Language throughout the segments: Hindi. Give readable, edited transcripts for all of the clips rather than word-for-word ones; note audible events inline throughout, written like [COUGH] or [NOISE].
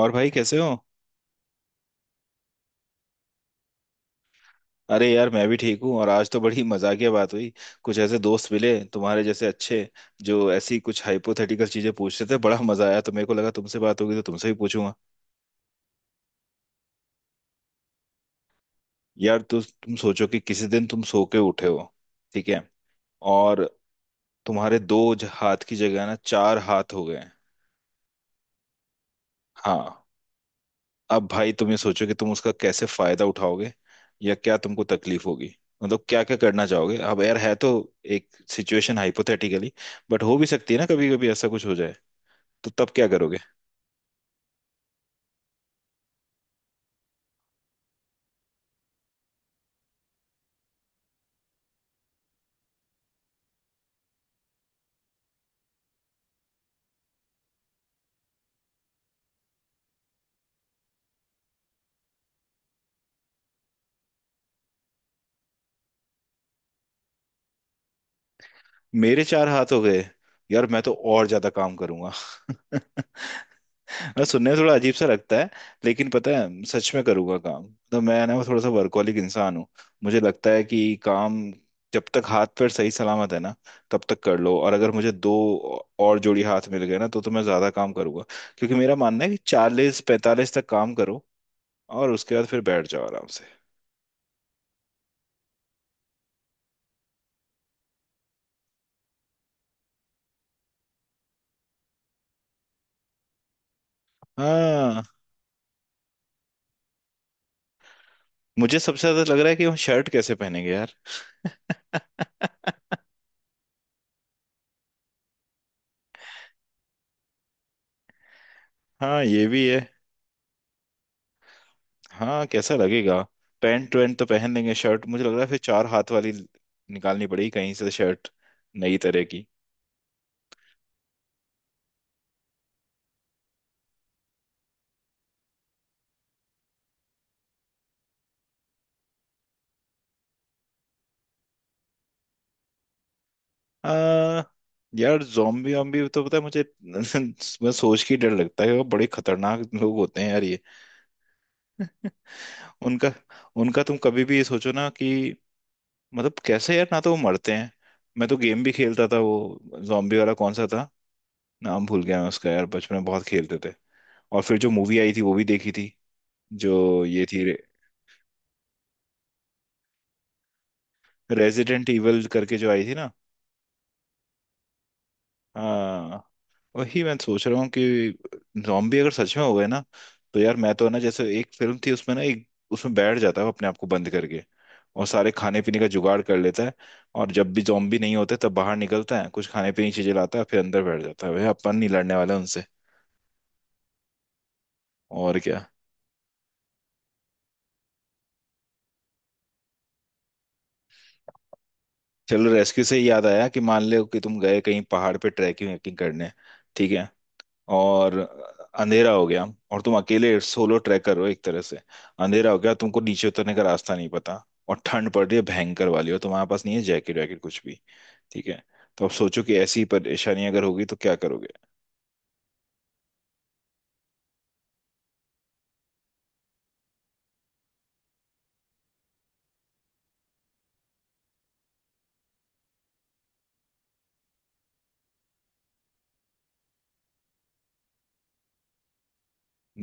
और भाई कैसे हो? अरे यार, मैं भी ठीक हूँ। और आज तो बड़ी [LAUGHS] मजाकिया बात हुई। कुछ ऐसे दोस्त मिले तुम्हारे जैसे अच्छे, जो ऐसी कुछ हाइपोथेटिकल चीजें पूछ रहे थे। बड़ा मजा आया, तो मेरे को लगा तुमसे बात होगी तो तुमसे भी पूछूंगा। यार, तुम सोचो कि किसी दिन तुम सो के उठे हो। ठीक है। और तुम्हारे दो हाथ की जगह ना चार हाथ हो गए हैं। हाँ। अब भाई तुम ये सोचो कि तुम उसका कैसे फायदा उठाओगे, या क्या तुमको तकलीफ होगी? मतलब क्या क्या करना चाहोगे? अब यार, है तो एक सिचुएशन हाइपोथेटिकली, बट हो भी सकती है ना, कभी कभी ऐसा कुछ हो जाए। तो तब क्या करोगे? मेरे चार हाथ हो गए? यार मैं तो और ज्यादा काम करूंगा। [LAUGHS] मैं, सुनने में थोड़ा अजीब सा लगता है, लेकिन पता है सच में करूंगा काम। तो मैं ना, वो थोड़ा सा वर्कहोलिक इंसान हूँ। मुझे लगता है कि काम, जब तक हाथ पैर सही सलामत है ना, तब तक कर लो। और अगर मुझे दो और जोड़ी हाथ मिल गए ना तो मैं ज्यादा काम करूंगा, क्योंकि मेरा मानना है कि 40 45 तक काम करो और उसके बाद फिर बैठ जाओ आराम से। हाँ। मुझे सबसे ज्यादा लग रहा है कि हम शर्ट कैसे पहनेंगे यार। [LAUGHS] हाँ ये भी है। हाँ, कैसा लगेगा? पैंट वैंट तो पहन लेंगे, शर्ट मुझे लग रहा है फिर चार हाथ वाली निकालनी पड़ेगी कहीं से, शर्ट नई तरह की। आ, यार zombie वॉम्बी तो पता है मुझे। [LAUGHS] मैं सोच के ही डर लगता है, वो बड़े खतरनाक लोग होते हैं यार, ये उनका उनका तुम कभी भी ये सोचो ना कि, मतलब कैसे यार, ना तो वो मरते हैं। मैं तो गेम भी खेलता था वो, जॉम्बी वाला कौन सा था? नाम भूल गया मैं उसका यार, बचपन में बहुत खेलते थे। और फिर जो मूवी आई थी वो भी देखी थी, जो ये थी, रेजिडेंट इविल करके जो आई थी ना। हाँ। वही मैं सोच रहा हूँ कि जॉम्बी अगर सच में हो गए ना, तो यार मैं तो ना, जैसे एक फिल्म थी उसमें ना, एक उसमें बैठ जाता है अपने आप को बंद करके, और सारे खाने पीने का जुगाड़ कर लेता है। और जब भी जॉम्बी नहीं होते तब बाहर निकलता है, कुछ खाने पीने की चीजें लाता है, फिर अंदर बैठ जाता है। भाई अपन नहीं लड़ने वाला उनसे। और क्या। चलो, रेस्क्यू से ही याद आया कि मान लो कि तुम गए कहीं पहाड़ पे ट्रैकिंग वैकिंग करने। ठीक है। और अंधेरा हो गया। और तुम अकेले सोलो ट्रैकर हो एक तरह से। अंधेरा हो गया, तुमको नीचे उतरने का रास्ता नहीं पता। और ठंड पड़ रही है भयंकर वाली, और तुम्हारे पास नहीं है जैकेट वैकेट कुछ भी। ठीक है। तो अब सोचो कि ऐसी परेशानी अगर होगी तो क्या करोगे?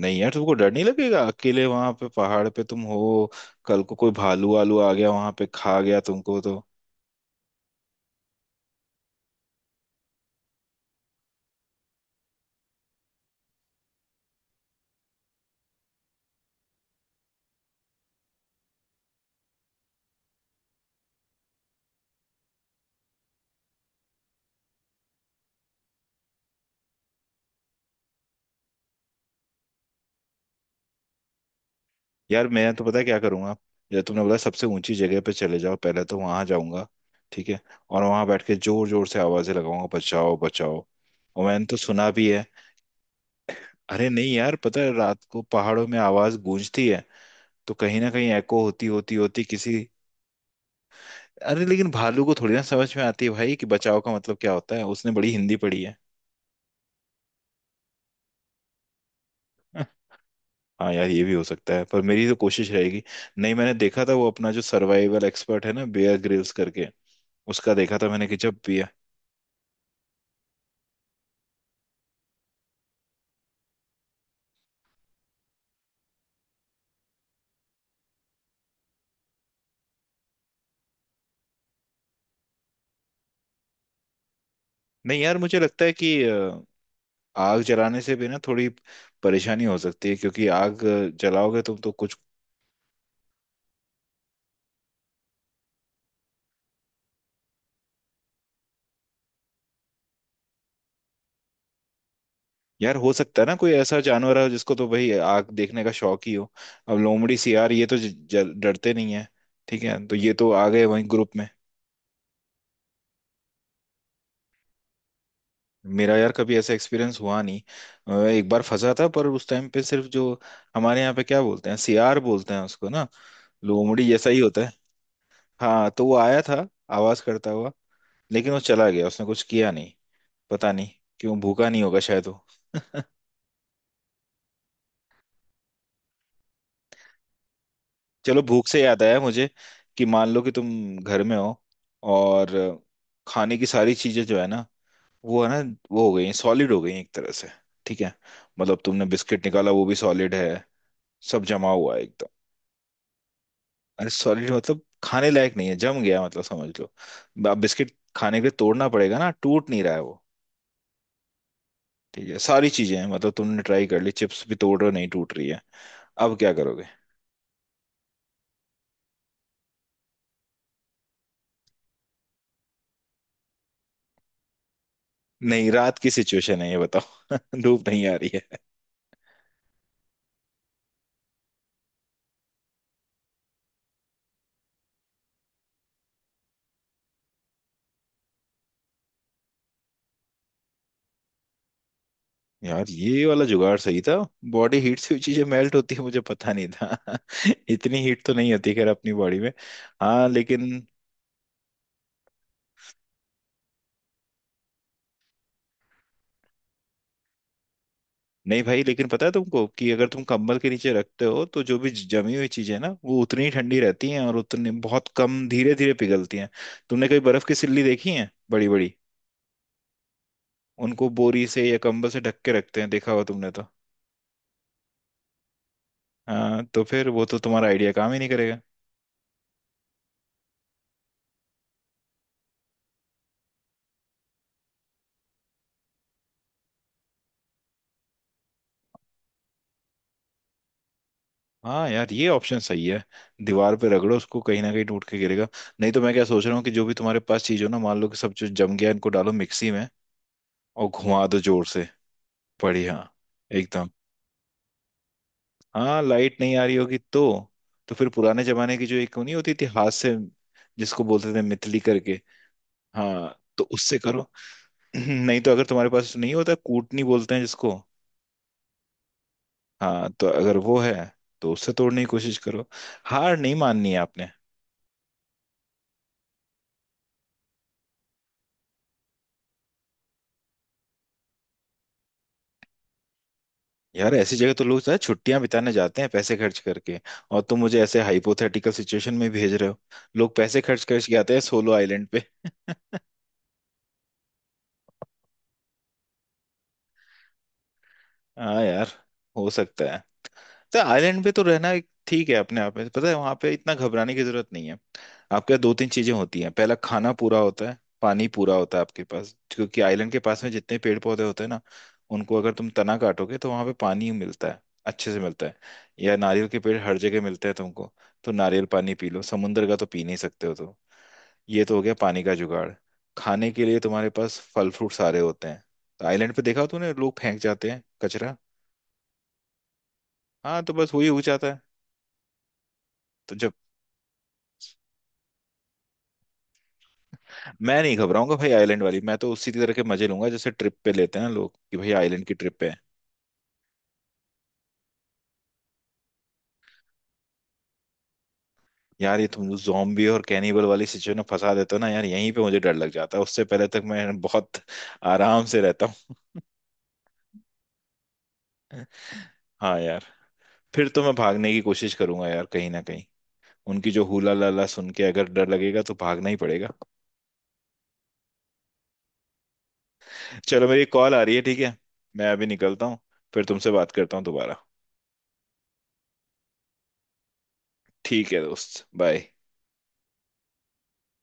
नहीं यार, तुमको डर नहीं लगेगा? अकेले वहां पे पहाड़ पे तुम हो। कल को कोई भालू वालू आ गया वहां पे, खा गया तुमको तो। यार मैं तो पता है क्या करूंगा। जैसे तुमने बोला सबसे ऊंची जगह पे चले जाओ, पहले तो वहां जाऊंगा। ठीक है। और वहां बैठ के जोर जोर से आवाजें लगाऊंगा, बचाओ बचाओ। और मैंने तो सुना भी है, अरे नहीं यार, पता है रात को पहाड़ों में आवाज गूंजती है। तो कहीं ना कहीं एको होती होती होती किसी। अरे लेकिन भालू को थोड़ी ना समझ में आती है भाई कि बचाव का मतलब क्या होता है। उसने बड़ी हिंदी पढ़ी है। [LAUGHS] हाँ यार, ये भी हो सकता है पर मेरी तो कोशिश रहेगी। नहीं, मैंने देखा था वो अपना जो सर्वाइवल एक्सपर्ट है ना, बेयर ग्रिल्स करके, उसका देखा था मैंने कि जब, नहीं यार मुझे लगता है कि आग जलाने से भी ना थोड़ी परेशानी हो सकती है, क्योंकि आग जलाओगे तुम तो कुछ, यार हो सकता है ना कोई ऐसा जानवर हो जिसको तो भाई आग देखने का शौक ही हो। अब लोमड़ी सियार ये तो डरते नहीं है। ठीक है, तो ये तो आ गए वहीं ग्रुप में। मेरा यार कभी ऐसा एक्सपीरियंस हुआ नहीं। एक बार फंसा था पर उस टाइम पे सिर्फ जो हमारे यहाँ पे क्या बोलते हैं, सियार बोलते हैं उसको ना, लोमड़ी जैसा ही होता है। हाँ, तो वो आया था आवाज करता हुआ, लेकिन वो चला गया, उसने कुछ किया नहीं। पता नहीं क्यों, भूखा नहीं होगा शायद वो। [LAUGHS] चलो, भूख से याद आया मुझे कि मान लो कि तुम घर में हो, और खाने की सारी चीजें जो है ना, वो है ना, वो हो गई हैं सॉलिड, हो गई हैं एक तरह से। ठीक है। मतलब तुमने बिस्किट निकाला, वो भी सॉलिड है, सब जमा हुआ है एकदम। अरे सॉलिड मतलब खाने लायक नहीं है, जम गया मतलब, समझ लो। अब बिस्किट खाने के लिए तोड़ना पड़ेगा ना, टूट नहीं रहा है वो। ठीक है, सारी चीजें हैं मतलब, तुमने ट्राई कर ली, चिप्स भी तोड़ रहे हो, नहीं टूट रही है। अब क्या करोगे? नहीं, रात की सिचुएशन है, ये बताओ। [LAUGHS] धूप नहीं आ रही है। यार ये वाला जुगाड़ सही था। बॉडी हीट से हुई चीजें मेल्ट होती है, मुझे पता नहीं था। [LAUGHS] इतनी हीट तो नहीं होती खैर अपनी बॉडी में। हाँ लेकिन, नहीं भाई, लेकिन पता है तुमको कि अगर तुम कंबल के नीचे रखते हो तो जो भी जमी हुई चीजें ना, वो उतनी ही ठंडी रहती हैं और उतनी बहुत कम धीरे धीरे पिघलती हैं। तुमने कभी बर्फ की सिल्ली देखी है बड़ी बड़ी? उनको बोरी से या कंबल से ढक के रखते हैं, देखा होगा तुमने तो। हाँ, तो फिर वो तो तुम्हारा आइडिया काम ही नहीं करेगा। हाँ यार, ये ऑप्शन सही है। दीवार पे रगड़ो उसको, कहीं ना कहीं टूट के गिरेगा। नहीं तो मैं क्या सोच रहा हूँ कि जो भी तुम्हारे पास चीज हो ना, मान लो कि सब जो जम गया, इनको डालो मिक्सी में, और घुमा दो जोर से। बढ़िया। एकदम। हाँ, लाइट नहीं आ रही होगी तो फिर पुराने जमाने की जो, एक नहीं होती थी हाथ से, जिसको बोलते थे मितली करके। हाँ, तो उससे करो। [CLEARS THROAT] नहीं तो अगर तुम्हारे पास नहीं होता, कूटनी बोलते हैं जिसको। हाँ, तो अगर वो है तो उससे तोड़ने की कोशिश करो। हार नहीं माननी है आपने। यार, ऐसी जगह तो लोग छुट्टियां बिताने जाते हैं पैसे खर्च करके, और तुम मुझे ऐसे हाइपोथेटिकल सिचुएशन में भेज रहे हो। लोग पैसे खर्च करके आते हैं सोलो आइलैंड पे। हाँ यार, हो सकता है। तो आइलैंड पे तो रहना एक ठीक है अपने आप में, पता है वहां पे इतना घबराने की जरूरत नहीं है। आपके दो तीन चीजें होती हैं, पहला, खाना पूरा होता है, पानी पूरा होता है आपके पास, क्योंकि आइलैंड के पास में जितने पेड़ पौधे होते हैं ना, उनको अगर तुम तना काटोगे तो वहां पे पानी मिलता है, अच्छे से मिलता है। या नारियल के पेड़ हर जगह मिलते हैं तुमको, तो नारियल पानी पी लो, समुंदर का तो पी नहीं सकते हो तो। ये तो हो गया पानी का जुगाड़। खाने के लिए तुम्हारे पास फल फ्रूट सारे होते हैं। तो आइलैंड पे देखा तूने, लोग फेंक जाते हैं कचरा। हाँ, तो बस वही हो जाता है। तो जब, मैं नहीं घबराऊंगा भाई आइलैंड वाली, मैं तो उसी तरह के मजे लूंगा जैसे ट्रिप पे लेते हैं ना लोग कि भाई, आइलैंड की ट्रिप पे हैं। यार, ये तुम जॉम्बी और कैनिबल वाली सिचुएशन में फंसा देते हो ना यार, यहीं पे मुझे डर लग जाता है, उससे पहले तक मैं बहुत आराम से रहता हूँ। हाँ यार, फिर तो मैं भागने की कोशिश करूंगा यार, कहीं ना कहीं उनकी जो हुला लाला सुन के अगर डर लगेगा तो भागना ही पड़ेगा। चलो, मेरी कॉल आ रही है, ठीक है। मैं अभी निकलता हूँ, फिर तुमसे बात करता हूँ दोबारा। ठीक है दोस्त, बाय।